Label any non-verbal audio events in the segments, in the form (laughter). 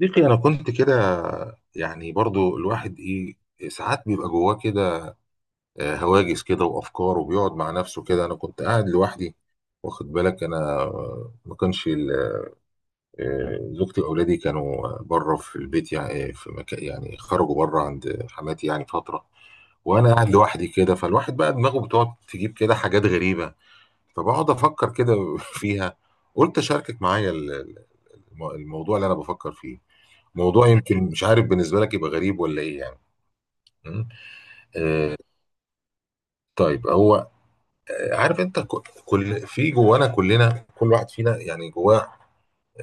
صديقي انا كنت كده. يعني برضو الواحد ايه، ساعات بيبقى جواه كده هواجس كده وافكار، وبيقعد مع نفسه كده. انا كنت قاعد لوحدي، واخد بالك. انا ما كانش زوجتي واولادي كانوا بره في البيت، يعني في مكان، يعني خرجوا بره عند حماتي يعني فتره. وانا قاعد لوحدي كده، فالواحد بقى دماغه بتقعد تجيب كده حاجات غريبه، فبقعد افكر كده (laughs) فيها. قلت اشاركك معايا الموضوع اللي انا بفكر فيه. موضوع يمكن مش عارف بالنسبه لك يبقى غريب ولا ايه يعني. مم. آه، طيب. هو عارف انت، كل في جوانا كلنا، كل واحد فينا يعني جواه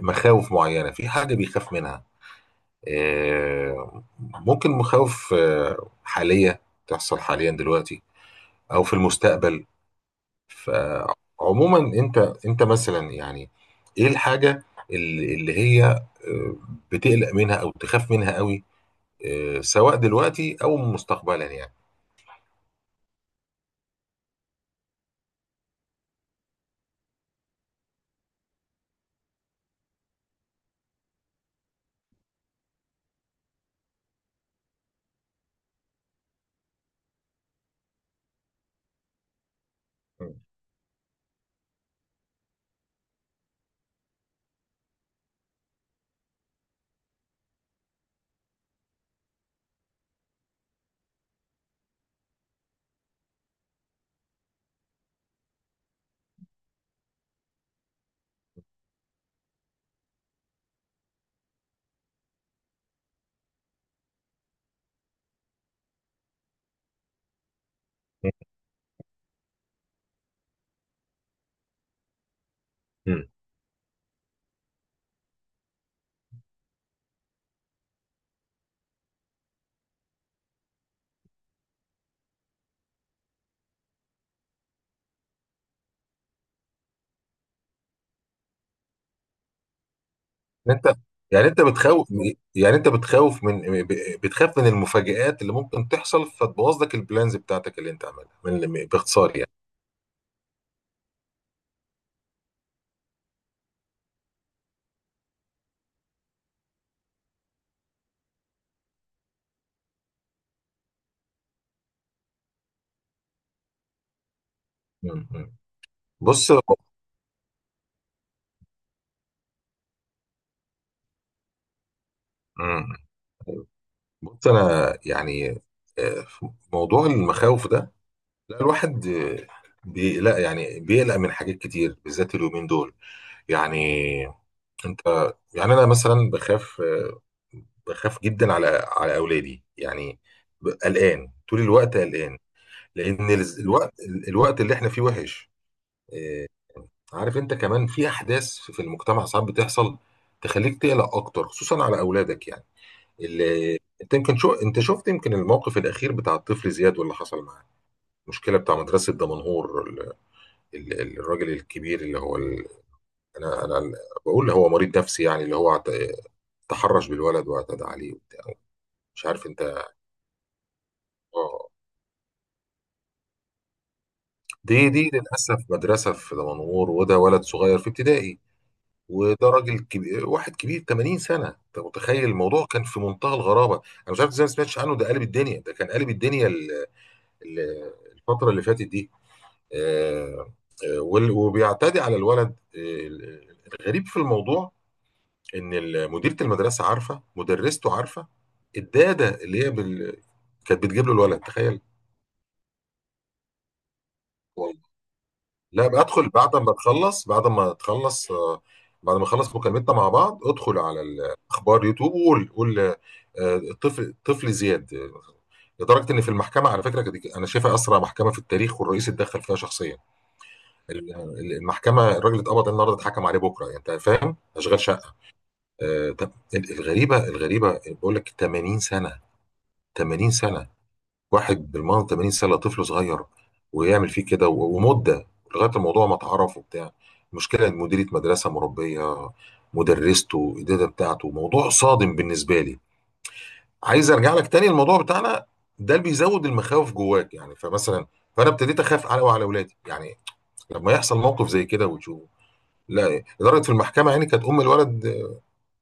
مخاوف معينه، في حاجه بيخاف منها. آه ممكن مخاوف حاليه تحصل حاليا دلوقتي، او في المستقبل. فعموما انت، انت مثلا يعني ايه الحاجه اللي هي، بتقلق منها او تخاف منها قوي، سواء دلوقتي او مستقبلا يعني؟ مم. إن انت يعني انت بتخوف، يعني انت بتخوف من، بتخاف من المفاجآت اللي ممكن تحصل فتبوظ لك البلانز بتاعتك اللي انت عاملها، من باختصار يعني. مم. مم. بص. مم. بص انا يعني في موضوع المخاوف ده، لا الواحد بيقلق يعني بيقلق من حاجات كتير، بالذات اليومين دول يعني. انت، يعني انا مثلا بخاف بخاف جدا على اولادي يعني. قلقان طول الوقت، قلقان. لان الوقت، الوقت اللي احنا فيه وحش. إيه، عارف انت، كمان في احداث في المجتمع ساعات بتحصل تخليك تقلق اكتر، خصوصا على اولادك يعني. اللي انت يمكن شو، انت شفت يمكن الموقف الاخير بتاع الطفل زياد واللي حصل معاه؟ المشكله بتاع مدرسه دمنهور، الراجل الكبير اللي هو ال... انا انا بقول هو مريض نفسي يعني، اللي هو تحرش بالولد واعتدى عليه وبتاع. مش عارف انت. اه، دي للاسف مدرسه في دمنهور، وده ولد صغير في ابتدائي، وده راجل كبير، واحد كبير 80 سنه. انت متخيل؟ الموضوع كان في منتهى الغرابه. انا مش عارف ازاي ما سمعتش عنه، ده قلب الدنيا، ده كان قلب الدنيا ال- الفتره اللي فاتت دي. آه، وبيعتدي على الولد. آه، الغريب في الموضوع ان مديره المدرسه عارفه، مدرسته عارفه، الداده اللي هي بال... كانت بتجيب له الولد، تخيل. لا بدخل بعد ما تخلص، بعد ما تخلص بعد ما نخلص مكالمتنا مع بعض، ادخل على الاخبار يوتيوب وقول، قول آه، الطفل، طفل زياد. لدرجه ان في المحكمه، على فكره كده، انا شايفها اسرع محكمه في التاريخ، والرئيس اتدخل فيها شخصيا. المحكمه، الراجل اللي اتقبض النهارده اتحكم عليه بكره، يعني انت فاهم، اشغال شقه. طب الغريبه، الغريبه بقول لك، 80 سنه، 80 سنه، واحد بالمنظر 80 سنه، طفل صغير، ويعمل فيه كده ومده لغايه الموضوع ما اتعرف وبتاع. المشكله ان مديره مدرسه، مربيه، مدرسته، الاداره بتاعته، موضوع صادم بالنسبه لي. عايز ارجع لك تاني، الموضوع بتاعنا ده اللي بيزود المخاوف جواك يعني. فمثلا، فانا ابتديت اخاف على وعلى اولادي يعني، لما يحصل موقف زي كده وتشوفه. لا اداره في المحكمه، يعني كانت ام الولد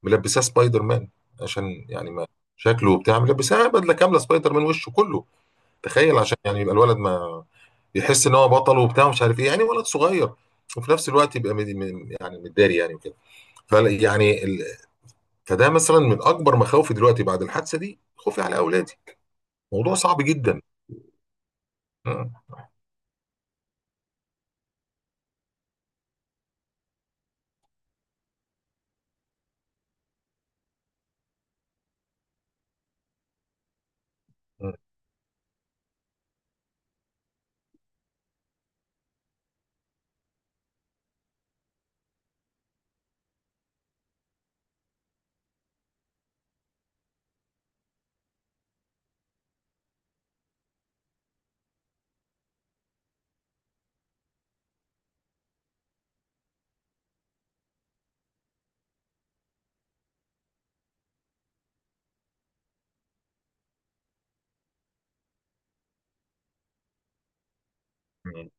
ملبساه سبايدر مان، عشان يعني ما شكله وبتاع، ملبساه بدله كامله سبايدر مان، وشه كله، تخيل. عشان يعني يبقى الولد ما يحس ان هو بطل وبتاع ومش عارف ايه، يعني ولد صغير. وفي نفس الوقت يبقى يعني متداري يعني وكده. فال- يعني ال... فده مثلا من اكبر مخاوفي دلوقتي بعد الحادثه دي، خوفي على اولادي. موضوع صعب جدا. م- م- م.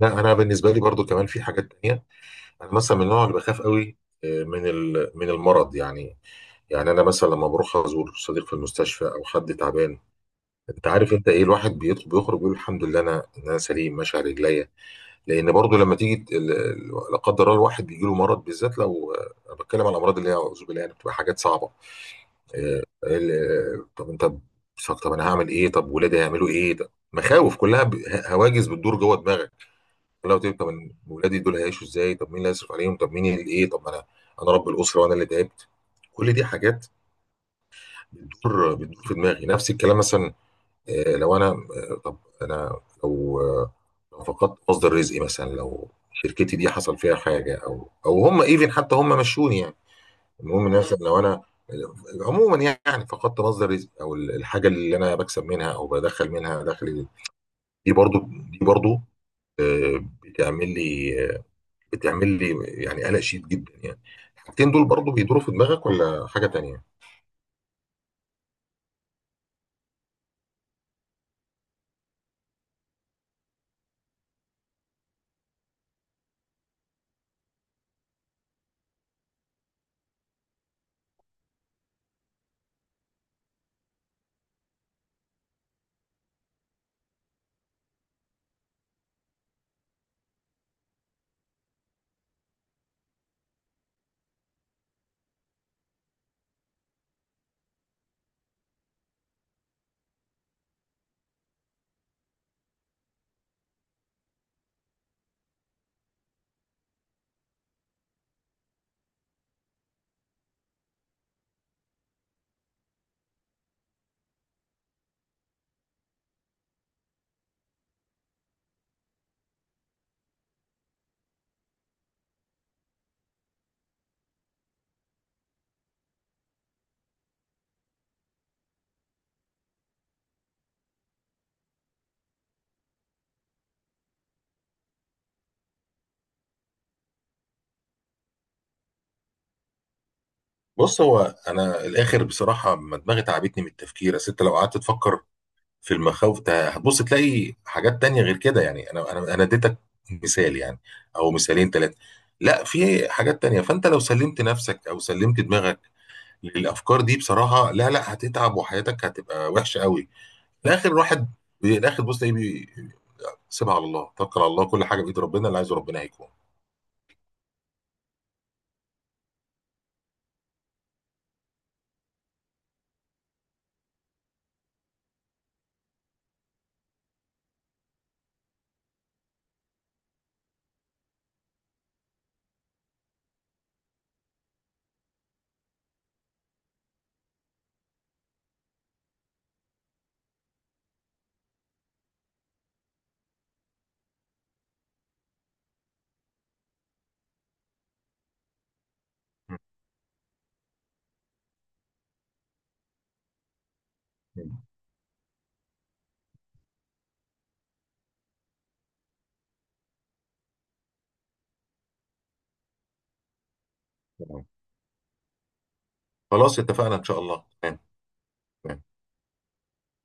لا انا بالنسبه لي برضو كمان في حاجات تانية. انا مثلا من النوع اللي بخاف قوي من المرض يعني. يعني انا مثلا لما بروح ازور صديق في المستشفى او حد تعبان، انت عارف انت ايه، الواحد بيدخل بيخرج بيقول الحمد لله انا، إن انا سليم ماشي على رجليا. لان برضو لما تيجي لا قدر الله، الواحد بيجي له مرض، بالذات لو انا بتكلم على الامراض اللي هي اعوذ بالله، يعني بتبقى حاجات صعبه. طب انت بتفكر، طب انا هعمل ايه، طب ولادي هيعملوا ايه، ده مخاوف كلها، هواجس بتدور جوه دماغك. لو تقول طب أنا ولادي دول هيعيشوا ازاي، طب مين اللي هيصرف عليهم تعملهم؟ طب مين اللي ايه، طب انا، انا رب الاسره وانا اللي تعبت. كل دي حاجات بتدور في دماغي. نفس الكلام مثلا، آه، لو انا آه، طب انا لو لو فقدت مصدر رزقي مثلا، لو شركتي دي حصل فيها حاجه، او او هم ايفن حتى هم مشوني يعني. المهم إن مثلا لو انا آه، عموما يعني فقدت مصدر رزق، او الحاجه اللي انا بكسب منها او بدخل منها دخل، دي برضو دي برضو آه، بتعمل لي آه، بتعمل لي يعني قلق شديد جدا يعني. الحاجتين دول برضو بيدوروا في دماغك ولا حاجه تانية؟ بص هو، انا الاخر بصراحه ما دماغي تعبتني من التفكير، اصل انت لو قعدت تفكر في المخاوف هتبص تلاقي حاجات تانية غير كده يعني. انا انا اديتك مثال يعني، او مثالين ثلاثة، لا في حاجات تانية. فانت لو سلمت نفسك او سلمت دماغك للافكار دي بصراحة، لا هتتعب وحياتك هتبقى وحشة قوي. الاخر واحد، الاخر بص ايه، سيبها على الله، توكل على الله، كل حاجة بايد ربنا، اللي عايزه ربنا هيكون. م- م. خلاص اتفقنا ان شاء الله، تمام. تمام.